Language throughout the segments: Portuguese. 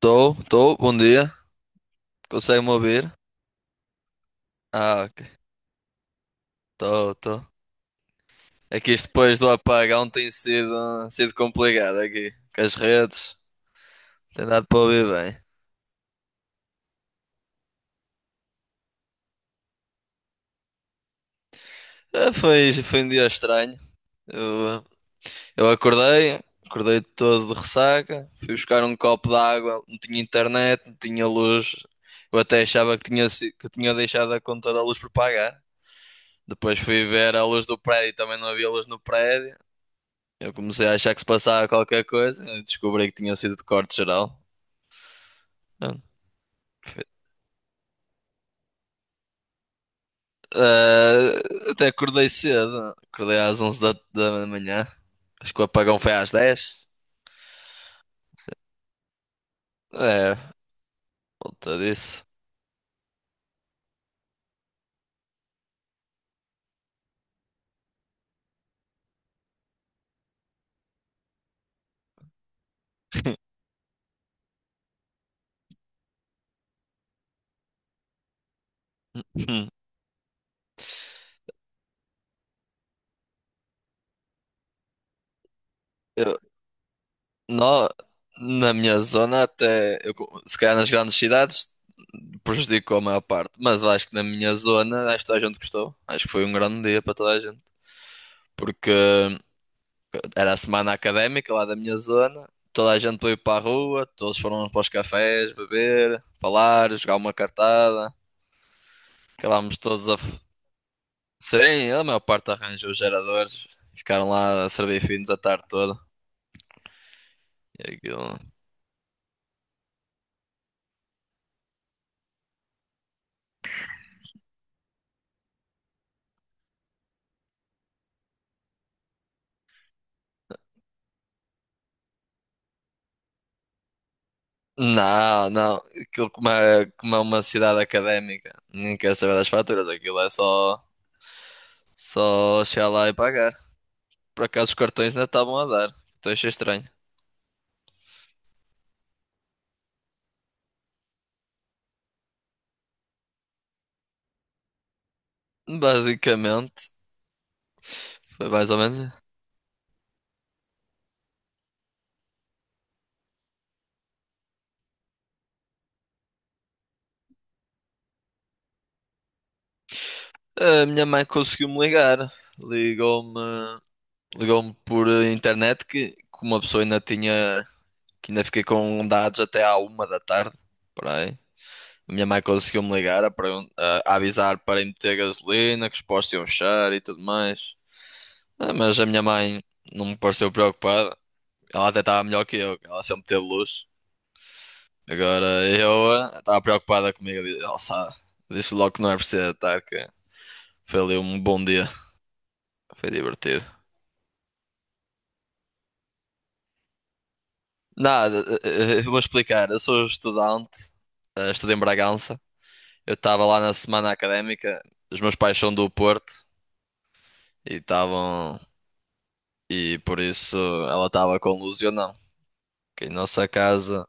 Tô. Bom dia. Consegue-me ouvir? Ah, ok. tô Estou. É que isto depois do apagão tem sido complicado aqui. Com as redes, tem dado para ouvir bem. Ah, foi um dia estranho. Eu, eu acordei todo de ressaca. Fui buscar um copo de água, não tinha internet, não tinha luz. Eu até achava que que tinha deixado a conta da luz por pagar. Depois fui ver a luz do prédio, também não havia luz no prédio. Eu comecei a achar que se passava qualquer coisa, descobri que tinha sido de corte geral. Pronto. Ah, até acordei cedo, acordei às 11 da manhã. Acho que o apagão foi às 10. É, volta disso. Hum. Eu, nó- Na minha zona, se calhar nas grandes cidades, prejudicou a maior parte, mas eu acho que na minha zona, acho que toda a gente gostou. Acho que foi um grande dia para toda a gente, porque era a semana académica lá da minha zona. Toda a gente foi para a rua, todos foram para os cafés beber, falar, jogar uma cartada. Acabámos todos a. f- Sim, a maior parte arranjou os geradores. Ficaram lá a servir finos a tarde toda. E aquilo. Não, não. Aquilo como é uma cidade académica. Nem quer saber das faturas. Aquilo é só. Só chegar lá e pagar. Por acaso os cartões ainda estavam a dar. Então achei estranho. Basicamente. Foi mais ou menos. A minha mãe conseguiu-me ligar. Ligou-me, ligou-me por internet que uma pessoa ainda tinha, que ainda fiquei com dados até à uma da tarde. Por aí. A minha mãe conseguiu-me ligar a avisar para ir meter gasolina, que os postos iam fechar e tudo mais. Ah, mas a minha mãe não me pareceu preocupada. Ela até estava melhor que eu, ela sempre teve luz. Agora eu estava preocupada comigo. Ela sabe, disse logo que não é preciso estar, que foi ali um bom dia. Foi divertido. Nada, vou explicar. Eu sou estudante, estudo em Bragança. Eu estava lá na semana académica, os meus pais são do Porto e estavam. E por isso ela estava com Lúcio, não que em nossa casa.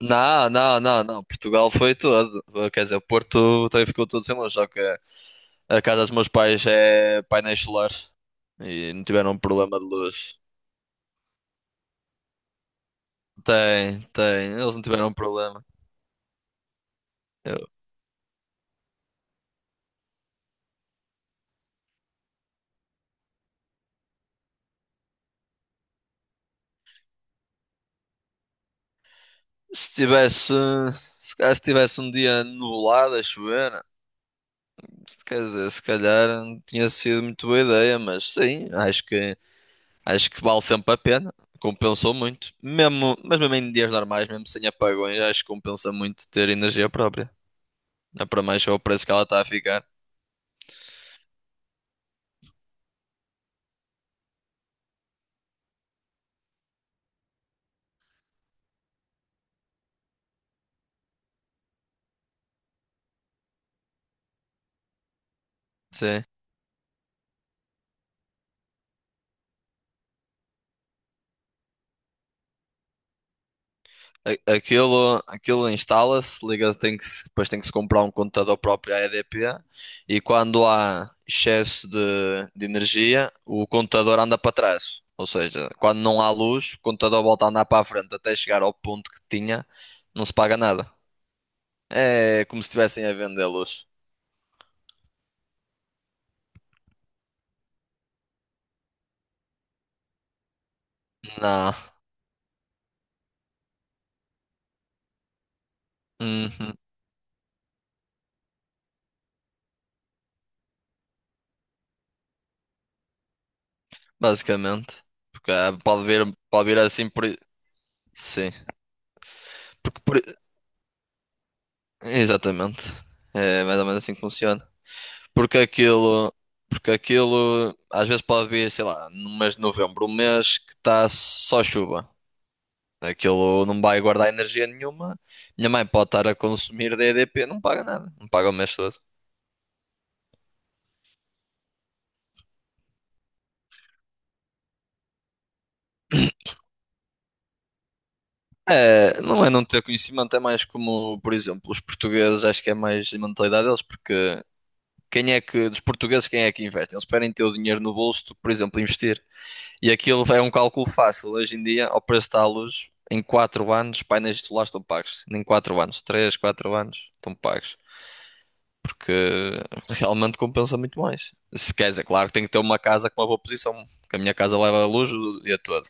Não, não, não, não. Portugal foi todo. Quer dizer, o Porto também ficou todo sem luz. Só que a casa dos meus pais é painéis solares e não tiveram problema de luz. Tem, tem. Eles não tiveram problema. Se tivesse, se calhar se tivesse um dia nublado a chover, quer dizer, se calhar não tinha sido muito boa ideia, mas sim, acho que vale sempre a pena. Compensou muito. Mesmo em dias normais, mesmo sem apagões, acho que compensa muito ter energia própria. Não é para mais só o preço que ela está a ficar. Sim. Aquilo, aquilo instala-se, liga, tem que, se- depois tem que se comprar um computador próprio à EDP e quando há excesso de energia, o computador anda para trás. Ou seja, quando não há luz, o computador volta a andar para a frente até chegar ao ponto que tinha, não se paga nada. É como se estivessem a vender luz. Não. Uhum. Basicamente. Porque pode vir assim por. Sim. Porque por... i- Exatamente. É mais ou menos assim que funciona. Porque aquilo, porque aquilo às vezes pode vir, sei lá, no mês de novembro, um mês que está só chuva. Aquilo não vai guardar energia nenhuma. Minha mãe pode estar a consumir DDP, não paga nada, não paga o mês todo. É não ter conhecimento, é mais como, por exemplo, os portugueses, acho que é mais a mentalidade deles, porque quem é que, dos portugueses, quem é que investe? Eles preferem ter o dinheiro no bolso do que, por exemplo, investir. E aquilo é um cálculo fácil. Hoje em dia, ao preço da luz, em 4 anos, painéis solares estão pagos. Nem 4 anos, 3 4 anos estão pagos. Porque realmente compensa muito mais. Se queres, é claro que tem que ter uma casa com uma boa posição. Porque a minha casa leva a luz o dia todo.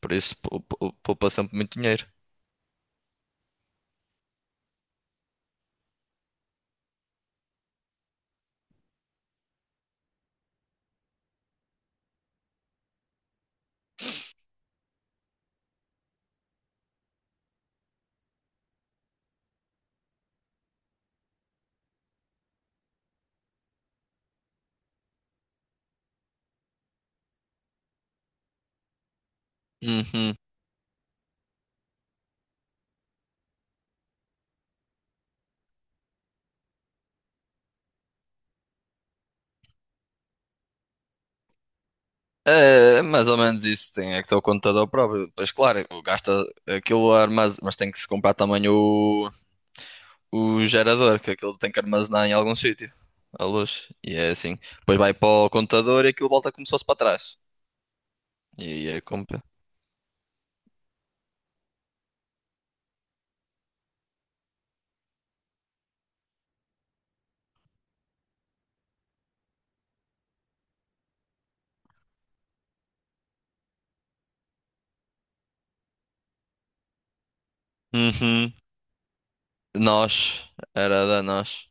Por isso, poupa sempre muito dinheiro. Uhum. É, é mais ou menos isso, tem é que ter o computador próprio. Pois claro, gasta aquilo armazém, mas tem que se comprar também o gerador, que aquilo tem que armazenar em algum sítio, a luz. E é assim. Depois vai para o computador e aquilo volta como se fosse para trás. E aí é compra. Uhum. Nós. Era da nós.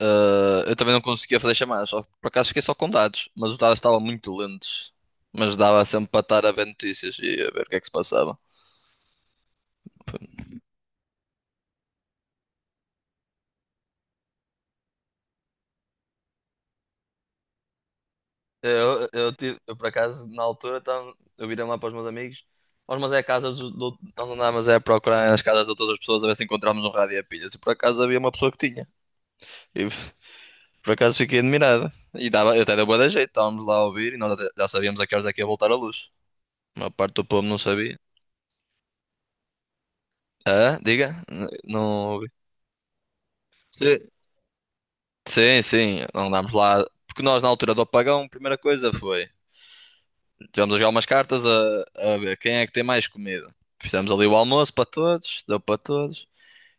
Ah, eu também não conseguia fazer chamadas. Só, por acaso fiquei só com dados. Mas os dados estavam muito lentos. Mas dava sempre para estar a ver notícias e a ver o que é que se passava. Eu, por acaso, na altura, tava, eu virei lá para os meus amigos. Nós andávamos é a procurar nas casas de todas as pessoas a ver se encontrávamos um rádio a pilhas. E por acaso havia uma pessoa que tinha. E por acaso fiquei admirado. E dava, até deu bué da jeito. Estávamos lá a ouvir e já sabíamos a que horas é que ia voltar a luz. A maior parte do povo não sabia. Ah, diga? Não ouvi. Sim, sim, sim. Andámos lá. Porque nós, na altura do apagão, a primeira coisa foi. Tivemos a jogar umas cartas a ver quem é que tem mais comida. Fizemos ali o almoço para todos, deu para todos.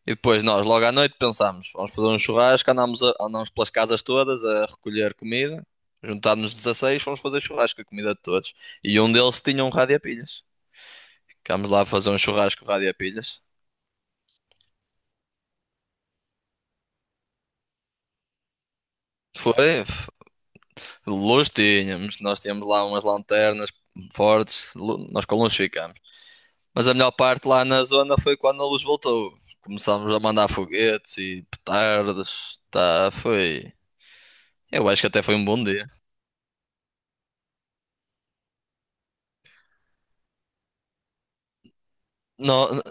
E depois nós, logo à noite, pensámos, vamos fazer um churrasco, andámos pelas casas todas a recolher comida. Juntámos-nos 16, fomos fazer churrasco a comida de todos. E um deles tinha um rádio a pilhas. Ficámos lá a fazer um churrasco com rádio a pilhas. Foi, luz tínhamos, nós tínhamos lá umas lanternas fortes, nós com luz ficámos. Mas a melhor parte lá na zona foi quando a luz voltou. Começámos a mandar foguetes e petardas. Tá, foi. Eu acho que até foi um bom dia. Nó-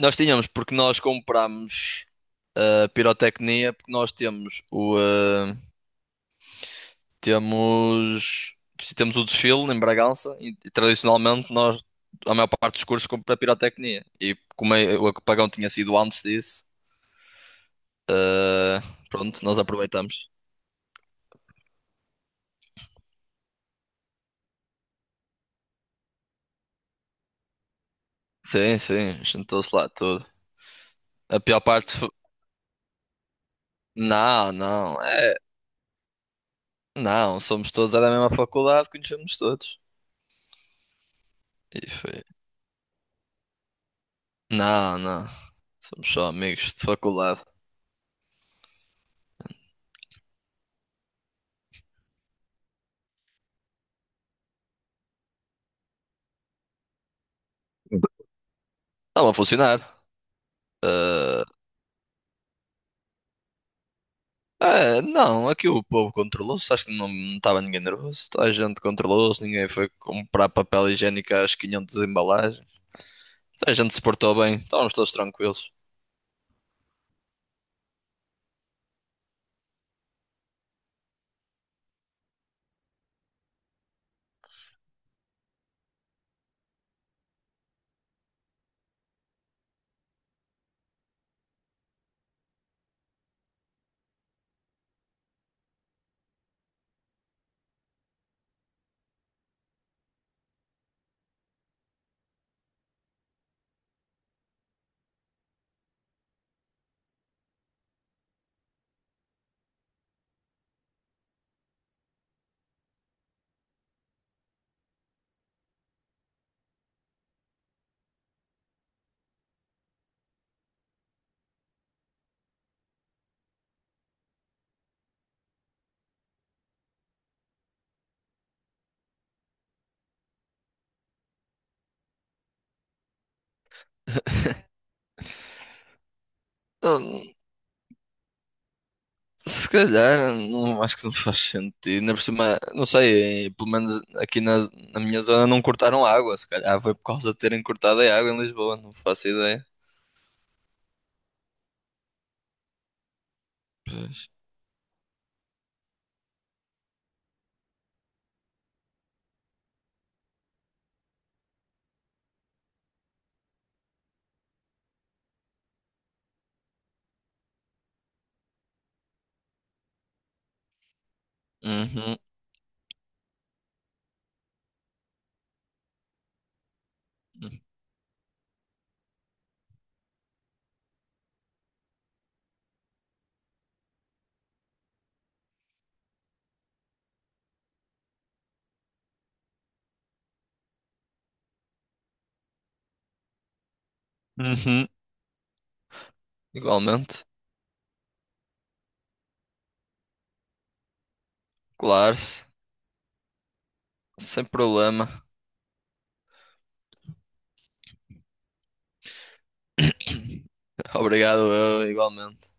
Nós tínhamos, porque nós comprámos a pirotecnia, porque nós temos o. ah, temos. Temos o desfile em Bragança e tradicionalmente nós, a maior parte dos cursos, compra pirotecnia. E como o apagão tinha sido antes disso, ah, pronto, nós aproveitamos. Sim, sim, juntou-se lá tudo. A pior parte, Não, não, é, não, somos todos é da mesma faculdade, conhecemos todos. E foi. Não, não, somos só amigos de faculdade. Estava a funcionar. Ah, é, não, aqui o povo controlou-se, acho que não estava ninguém nervoso. Toda a gente controlou-se, ninguém foi comprar papel higiênico às 500 embalagens. Toda a gente se portou bem, estávamos todos tranquilos. Se calhar, não, acho que não faz sentido. Ainda por cima, não sei, pelo menos na minha zona não cortaram água. Se calhar foi por causa de terem cortado a água em Lisboa, não faço ideia. Pois. Uhum. Uhum. Igualmente. Claro, sem problema. Obrigado, eu, igualmente.